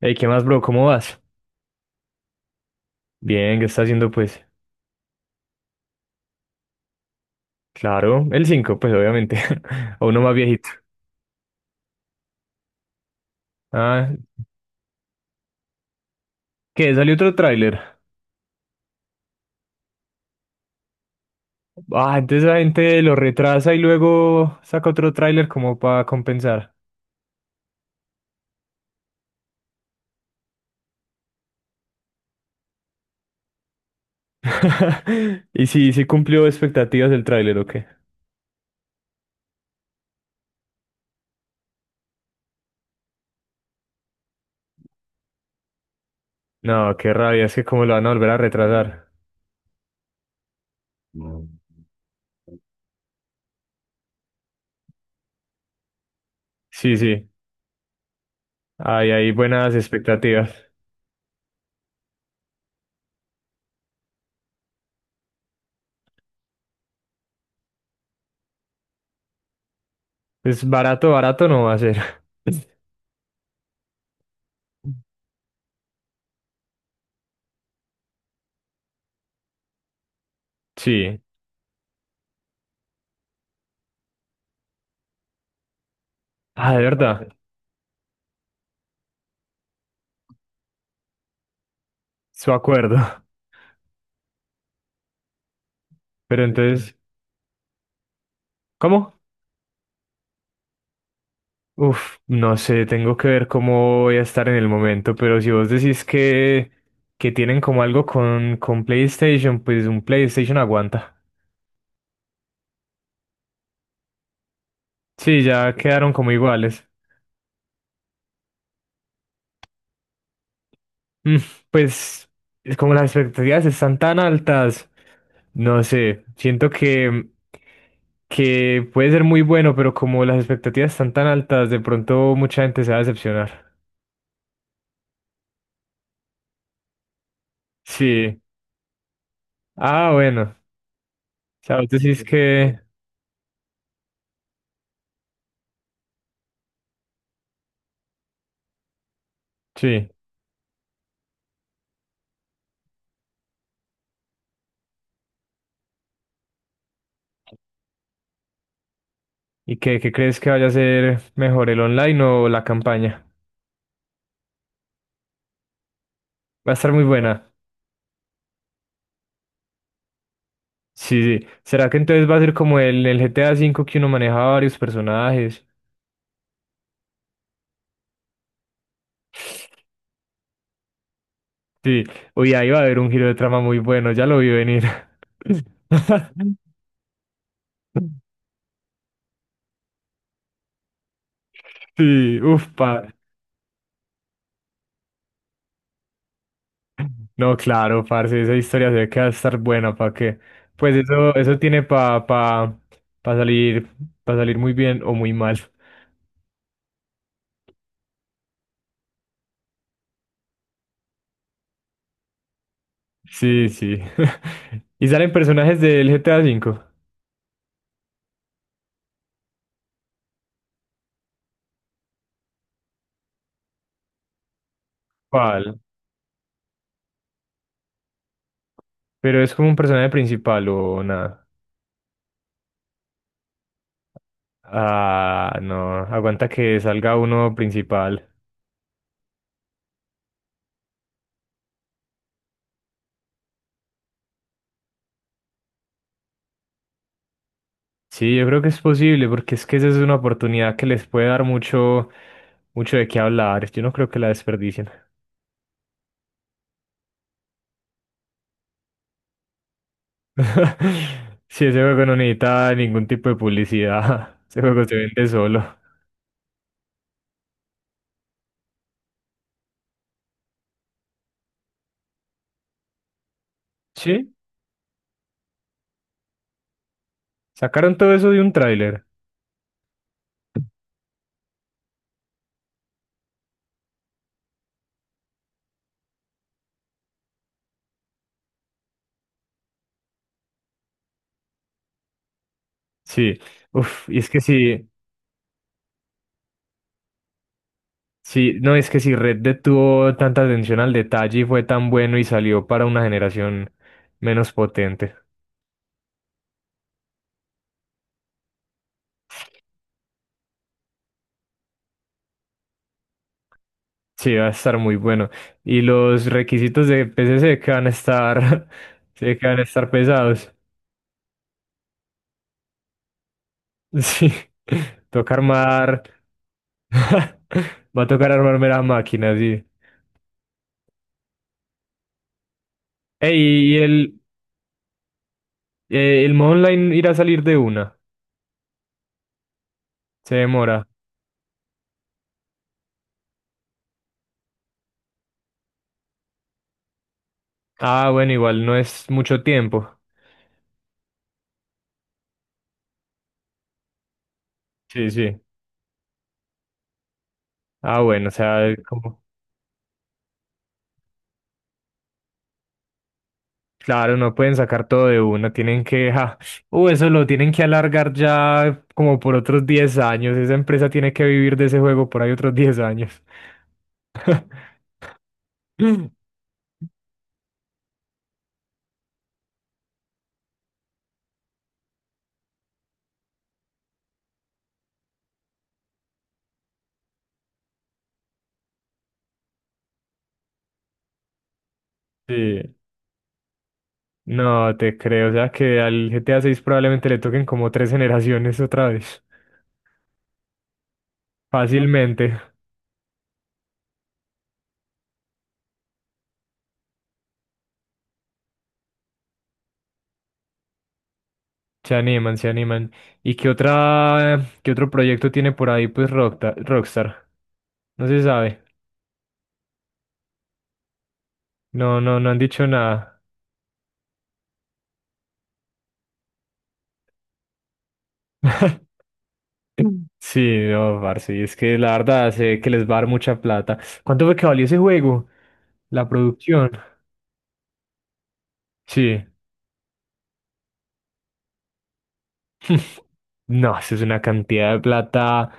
Hey, ¿qué más, bro? ¿Cómo vas? Bien, ¿qué está haciendo, pues? Claro, el 5, pues obviamente. A uno más viejito. Ah, ¿qué? ¿Salió otro tráiler? Ah, entonces la gente lo retrasa y luego saca otro tráiler como para compensar. ¿Y si cumplió expectativas del tráiler o qué? No, qué rabia, es que cómo lo van a volver a retrasar. Sí, sí, hay buenas expectativas. Pues barato, barato no va a ser. Sí. Ah, de verdad, su acuerdo. Pero entonces, ¿cómo? Uf, no sé, tengo que ver cómo voy a estar en el momento, pero si vos decís que tienen como algo con PlayStation, pues un PlayStation aguanta. Sí, ya quedaron como iguales. Mm, pues es como las expectativas están tan altas, no sé, siento que puede ser muy bueno, pero como las expectativas están tan altas, de pronto mucha gente se va a decepcionar. Sí. Ah, bueno. O sea, vos decís que... Sí. ¿Y qué crees que vaya a ser mejor, el online o la campaña? Va a estar muy buena. Sí, sí. ¿Será que entonces va a ser como el GTA V que uno maneja varios personajes? Sí. Uy, ahí va a haber un giro de trama muy bueno, ya lo vi venir. Sí, uff, pa. No, claro, parce, esa historia se ve que va a estar buena, ¿para qué? Pues eso tiene pa salir, pa salir muy bien o muy mal. Sí, sí. ¿Y salen personajes del GTA V? ¿Cuál? Pero es como un personaje principal o nada. Ah, no, aguanta que salga uno principal. Sí, yo creo que es posible, porque es que esa es una oportunidad que les puede dar mucho de qué hablar. Yo no creo que la desperdicien. Sí, ese juego no necesita ningún tipo de publicidad. Ese juego se vende solo. Sí, sacaron todo eso de un tráiler. Sí, uf, y es que sí. Sí, no, es que si Red Dead tuvo tanta atención al detalle y fue tan bueno y salió para una generación menos potente. Sí, va a estar muy bueno. Y los requisitos de PC se que van a estar, se que van a estar pesados. Sí, toca armar. Va a tocar armarme la máquina, sí. Ey, y el modo online irá a salir de una. Se demora. Ah, bueno, igual no es mucho tiempo. Sí, sí. Ah, bueno, o sea, como. Claro, no pueden sacar todo de una, tienen que, ja, eso lo tienen que alargar ya como por otros 10 años, esa empresa tiene que vivir de ese juego por ahí otros 10 años. Sí, no te creo, o sea que al GTA 6 probablemente le toquen como tres generaciones otra vez, fácilmente, se animan, se animan. ¿Y qué otro proyecto tiene por ahí pues Rockstar? No se sabe, no, no, no han dicho nada. Sí, no, parce, y es que la verdad sé que les va a dar mucha plata. ¿Cuánto fue que valió ese juego? La producción. Sí. No, eso es una cantidad de plata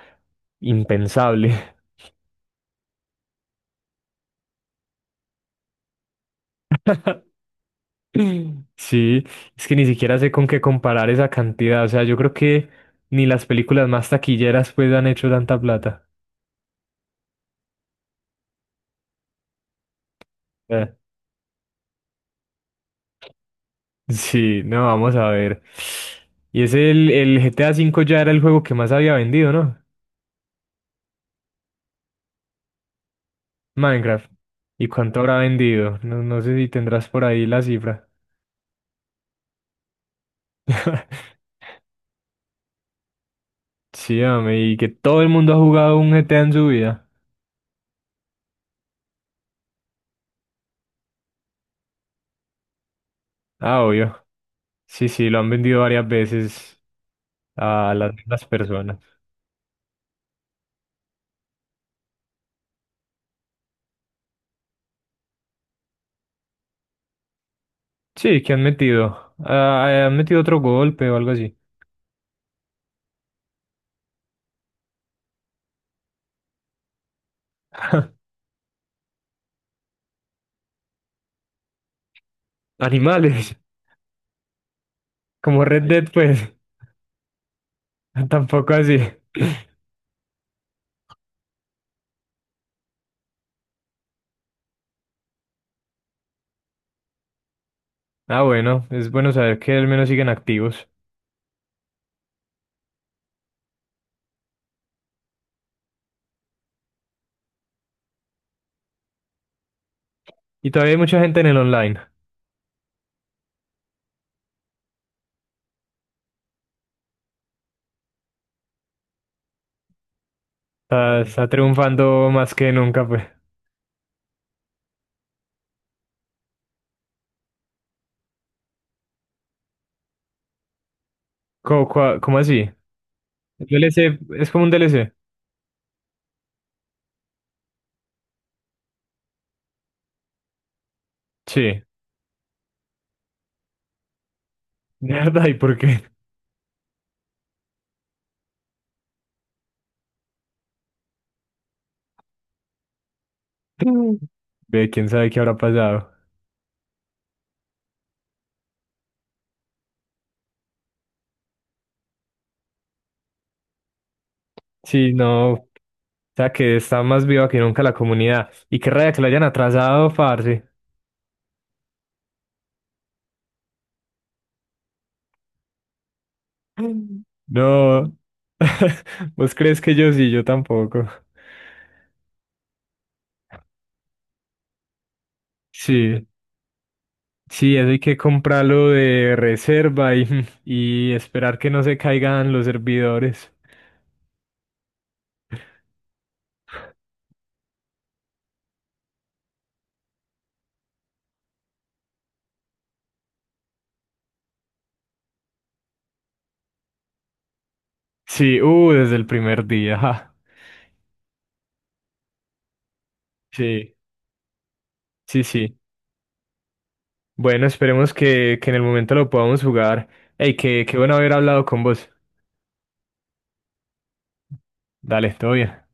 impensable. Sí, es que ni siquiera sé con qué comparar esa cantidad. O sea, yo creo que ni las películas más taquilleras pues han hecho tanta plata. Eh, Sí, no, vamos a ver. Y es el GTA V ya era el juego que más había vendido, ¿no? Minecraft. ¿Y cuánto habrá vendido? No, no sé si tendrás por ahí la cifra. Sí, hombre, y que todo el mundo ha jugado un GTA en su vida. Ah, obvio. Sí, sí, lo han vendido varias veces a las mismas personas. Sí, que han metido. Ah, han metido otro golpe o algo así. Animales, como Red Dead, pues. Tampoco así. Ah, bueno, es bueno saber que al menos siguen activos. Y todavía hay mucha gente en el online. Está triunfando más que nunca, pues. ¿Cómo así? El DLC es como un DLC. Sí, de verdad, ¿y por qué? Ve, quién sabe qué habrá pasado. Sí, no, o sea que está más viva que nunca la comunidad. Y qué raya que la hayan atrasado, parce. Mm. No. ¿Vos crees que yo sí? Yo tampoco. Sí, sí, eso hay que comprarlo de reserva y, y esperar que no se caigan los servidores. Sí, desde el primer día. Ajá. Sí, sí, sí. Bueno, esperemos que en el momento lo podamos jugar. Ey, qué bueno haber hablado con vos. Dale, todo bien.